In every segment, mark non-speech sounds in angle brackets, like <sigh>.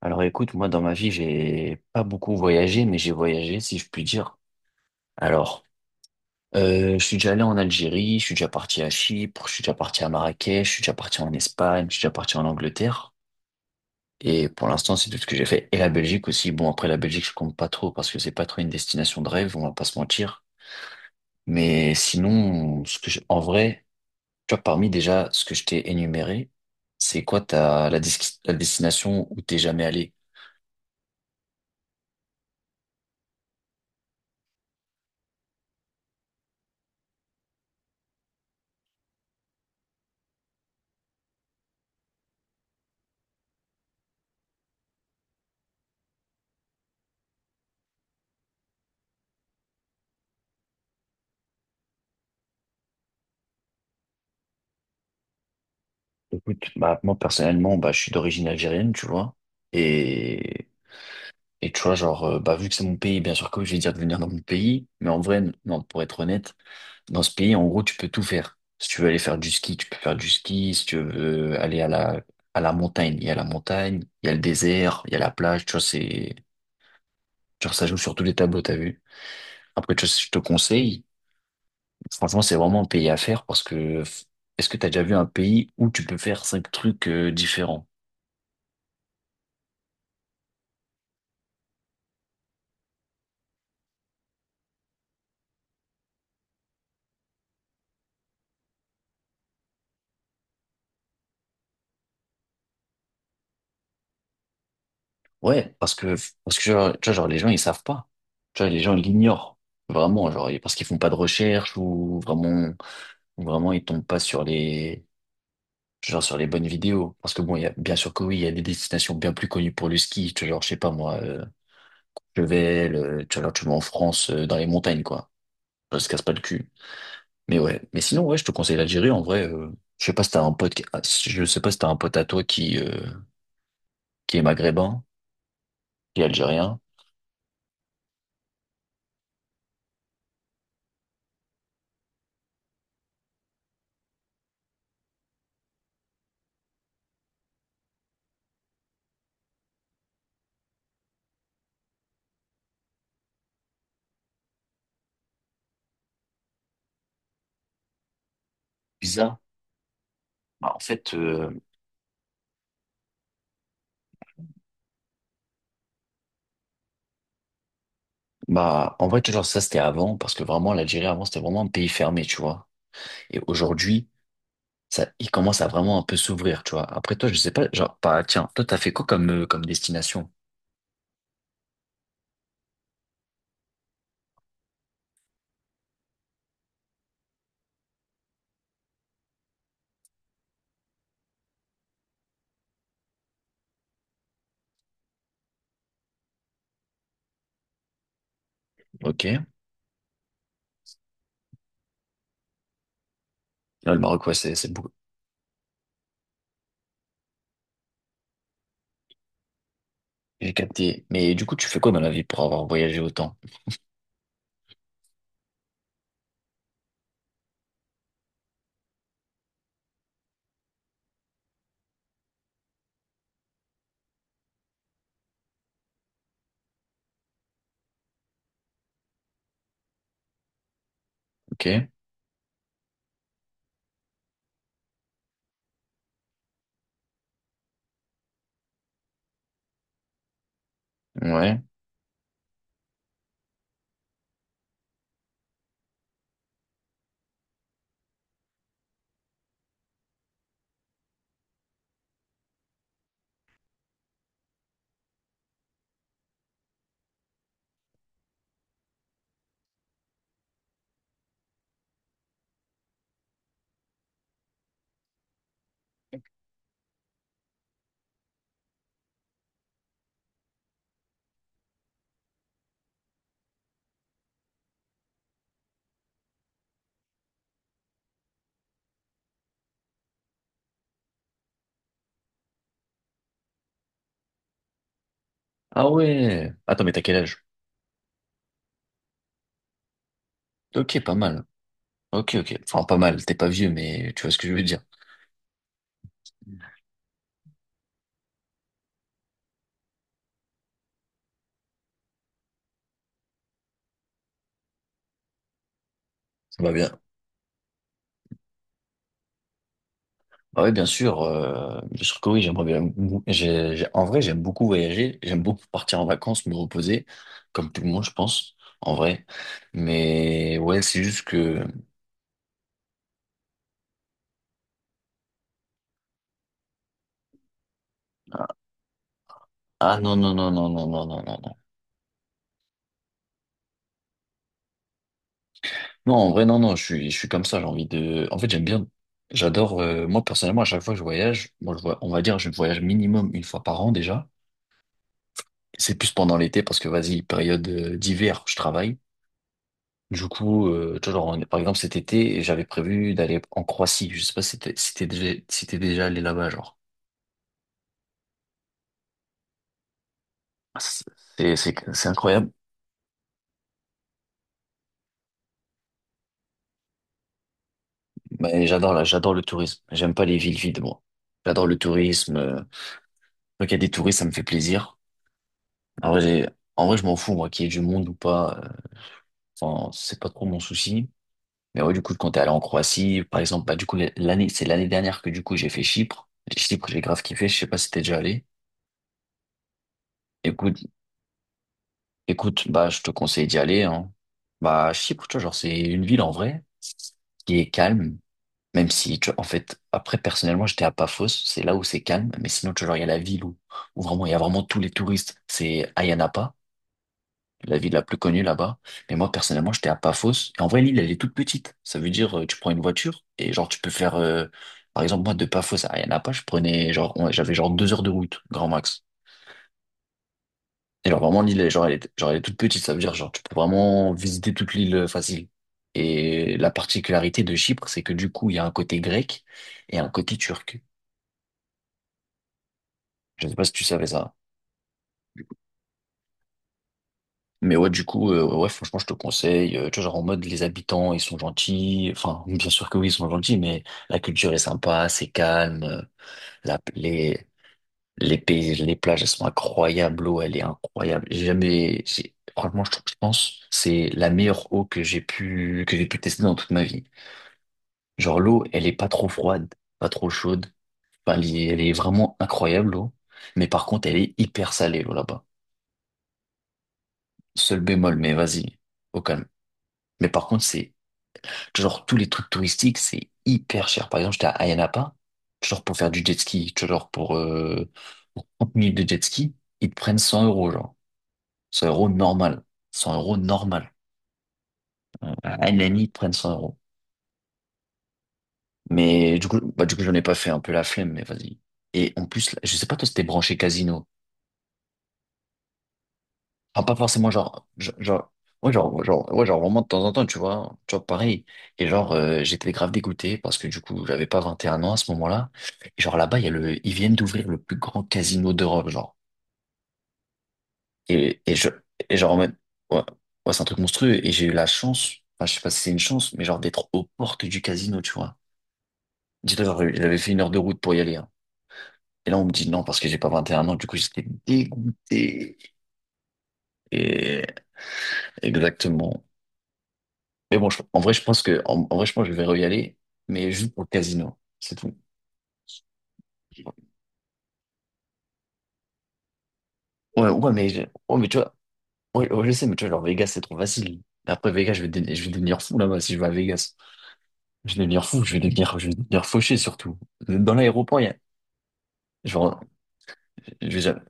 Alors écoute, moi dans ma vie, j'ai pas beaucoup voyagé, mais j'ai voyagé si je puis dire. Alors, je suis déjà allé en Algérie, je suis déjà parti à Chypre, je suis déjà parti à Marrakech, je suis déjà parti en Espagne, je suis déjà parti en Angleterre. Et pour l'instant, c'est tout ce que j'ai fait. Et la Belgique aussi. Bon, après la Belgique, je compte pas trop parce que c'est pas trop une destination de rêve, on va pas se mentir. Mais sinon, en vrai, tu vois, parmi déjà ce que je t'ai énuméré, c'est quoi la destination où t'es jamais allé? Écoute, bah, moi personnellement, bah, je suis d'origine algérienne, tu vois. Et, et tu vois, genre, bah, vu que c'est mon pays, bien sûr que oui, je vais dire de venir dans mon pays. Mais en vrai, non, pour être honnête, dans ce pays, en gros, tu peux tout faire. Si tu veux aller faire du ski, tu peux faire du ski. Si tu veux aller à la montagne, il y a la montagne, il y a le désert, il y a la plage, tu vois, genre, ça joue sur tous les tableaux, t'as vu. Après, tu vois, si je te conseille, franchement, c'est vraiment un pays à faire parce que, est-ce que t'as déjà vu un pays où tu peux faire cinq trucs, différents? Ouais, parce que, genre, tu vois, genre, les gens, ils savent pas. Tu vois, les gens, ils l'ignorent. Vraiment, genre, et parce qu'ils font pas de recherche ou vraiment, ils tombent pas sur les bonnes vidéos. Parce que bon, il y a, bien sûr que oui, il y a des destinations bien plus connues pour le ski. Tu vois, genre, je sais pas, moi, Chevel, tu vois, genre, tu vas en France, dans les montagnes, quoi. Ça se casse pas le cul. Mais ouais. Mais sinon, ouais, je te conseille l'Algérie, en vrai, je sais pas si t'as un pote, je sais pas si t'as un pote à toi qui est maghrébin, qui est algérien. Bizarre. Bah, en fait, euh, Bah, en vrai, tu vois, genre, ça, c'était avant, parce que vraiment, l'Algérie, avant, c'était vraiment un pays fermé, tu vois. Et aujourd'hui, ça, il commence à vraiment un peu s'ouvrir, tu vois. Après, toi, je sais pas, genre, bah, tiens, toi, t'as fait quoi comme destination? Ok. Là, le Maroc, ouais, c'est beaucoup. J'ai capté. Mais du coup, tu fais quoi dans la vie pour avoir voyagé autant? Ok. Ouais. Ah ouais. Attends, mais t'as quel âge? Ok, pas mal. Ok, ok. Enfin, pas mal. T'es pas vieux, mais tu vois ce que je veux dire. Ça va bien. Ah oui, bien sûr. Bien sûr que oui, j'aimerais bien. En vrai, j'aime beaucoup voyager. J'aime beaucoup partir en vacances, me reposer, comme tout le monde, je pense, en vrai. Mais ouais, c'est juste que. Ah non, non, non, non, non, non, non, non, non. Non, en vrai, non, non, je suis comme ça. J'ai envie de. En fait, j'aime bien. J'adore. Moi, personnellement, à chaque fois que je voyage, moi, je vois, on va dire, je voyage minimum une fois par an déjà. C'est plus pendant l'été parce que, vas-y, période d'hiver, je travaille. Du coup, tu vois, genre, par exemple, cet été, j'avais prévu d'aller en Croatie. Je sais pas si t'es déjà allé là-bas, genre. C'est incroyable. Mais j'adore j'adore le tourisme. J'aime pas les villes vides, moi. J'adore le tourisme. Quand il y a des touristes, ça me fait plaisir. En vrai, j'ai- en vrai, je m'en fous, moi, qu'il y ait du monde ou pas. Enfin, c'est pas trop mon souci. Mais ouais, du coup, quand t'es allé en Croatie, par exemple, bah, du coup, c'est l'année dernière que, du coup, j'ai fait Chypre. Chypre, j'ai grave kiffé. Je sais pas si t'es déjà allé. Écoute, Écoute, bah, je te conseille d'y aller, hein. Bah, Chypre, tu vois, genre, c'est une ville en vrai qui est calme, même si, tu vois, en fait, après, personnellement, j'étais à Paphos, c'est là où c'est calme, mais sinon, tu vois, genre, il y a la ville où il y a vraiment tous les touristes, c'est Ayia Napa, la ville la plus connue là-bas. Mais moi, personnellement, j'étais à Paphos, et en vrai, l'île, elle est toute petite. Ça veut dire, tu prends une voiture, et genre, tu peux faire, par exemple, moi, de Paphos à Ayia Napa, je prenais, genre, j'avais genre 2 heures de route, grand max. Et genre vraiment l'île, elle est toute petite, ça veut dire genre tu peux vraiment visiter toute l'île facile. Et la particularité de Chypre, c'est que du coup, il y a un côté grec et un côté turc. Je sais pas si tu savais ça. Mais ouais, du coup, ouais, franchement, je te conseille. Tu vois, genre en mode les habitants, ils sont gentils. Enfin, bien sûr que oui, ils sont gentils, mais la culture est sympa, c'est calme. La, les pays, les plages, elles sont incroyables. L'eau, elle est incroyable. J'ai jamais, j'ai- franchement, je pense, que c'est la meilleure eau que j'ai pu tester dans toute ma vie. Genre l'eau, elle est pas trop froide, pas trop chaude. Enfin, elle est vraiment incroyable l'eau. Mais par contre, elle est hyper salée l'eau là-bas. Seul bémol, mais vas-y, au calme. Mais par contre, c'est genre tous les trucs touristiques, c'est hyper cher. Par exemple, j'étais à Ayia Napa, genre pour faire du jet ski, tu vois, genre pour 30 minutes de jet ski, ils te prennent 100 euros, genre. 100 € normal. 100 € normal. À Ayia ils te prennent 100 euros. Mais du coup, bah, du coup, j'en ai pas fait un peu la flemme, mais vas-y. Et en plus, là, je sais pas, toi, c'était branché casino. Enfin, pas forcément genre, genre, ouais, genre, ouais, genre vraiment de temps en temps, tu vois, pareil. Et genre, j'étais grave dégoûté parce que du coup, j'avais pas 21 ans à ce moment-là. Et genre là-bas, il y a le, ils viennent d'ouvrir le plus grand casino d'Europe, genre. Et je, et genre, en mode- ouais, ouais, c'est un truc monstrueux. Et j'ai eu la chance, enfin, je sais pas si c'est une chance, mais genre d'être aux portes du casino, tu vois. Dis-toi, genre, j'avais fait 1 heure de route pour y aller, hein. Et là, on me dit non parce que j'ai pas 21 ans, du coup, j'étais dégoûté. Et exactement. Mais bon, en vrai, je pense que, en vrai, je pense que je vais re-y aller, mais juste pour le casino, c'est tout. Ouais, ouais, mais, ouais, mais tu vois, ouais, ouais, je sais, mais tu vois, genre Vegas, c'est trop facile. Après Vegas, je vais devenir fou là-bas si je vais à Vegas. Je vais devenir fou, je vais devenir fauché surtout. Dans l'aéroport, il y a, genre, je vais jamais,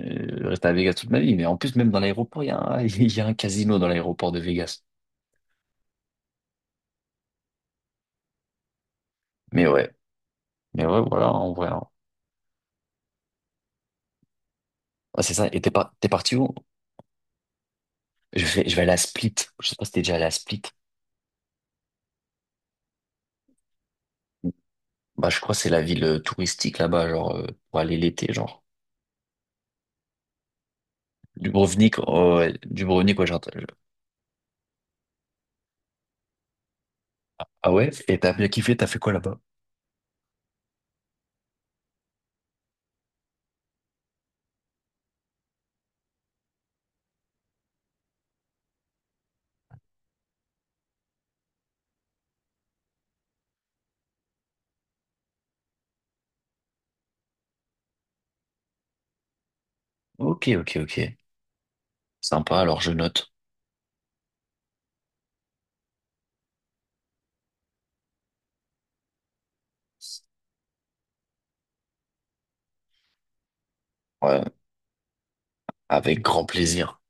rester à Vegas toute ma vie, mais en plus, même dans l'aéroport, il y a un, <laughs> il y a un casino dans l'aéroport de Vegas. Mais ouais, mais ouais, voilà, en vrai, hein. Ouais, c'est ça, et t'es t'es parti où? Je vais aller à Split. Je sais pas si t'es déjà allé à Split. Bah, je crois que c'est la ville touristique là-bas, genre, pour aller l'été, genre. Dubrovnik, oh, ouais. Dubrovnik, ouais, j'entends. Ah ouais? Et t'as bien kiffé, t'as fait quoi là-bas? Ok, ok, ok. Sympa, alors je note. Ouais, avec grand plaisir.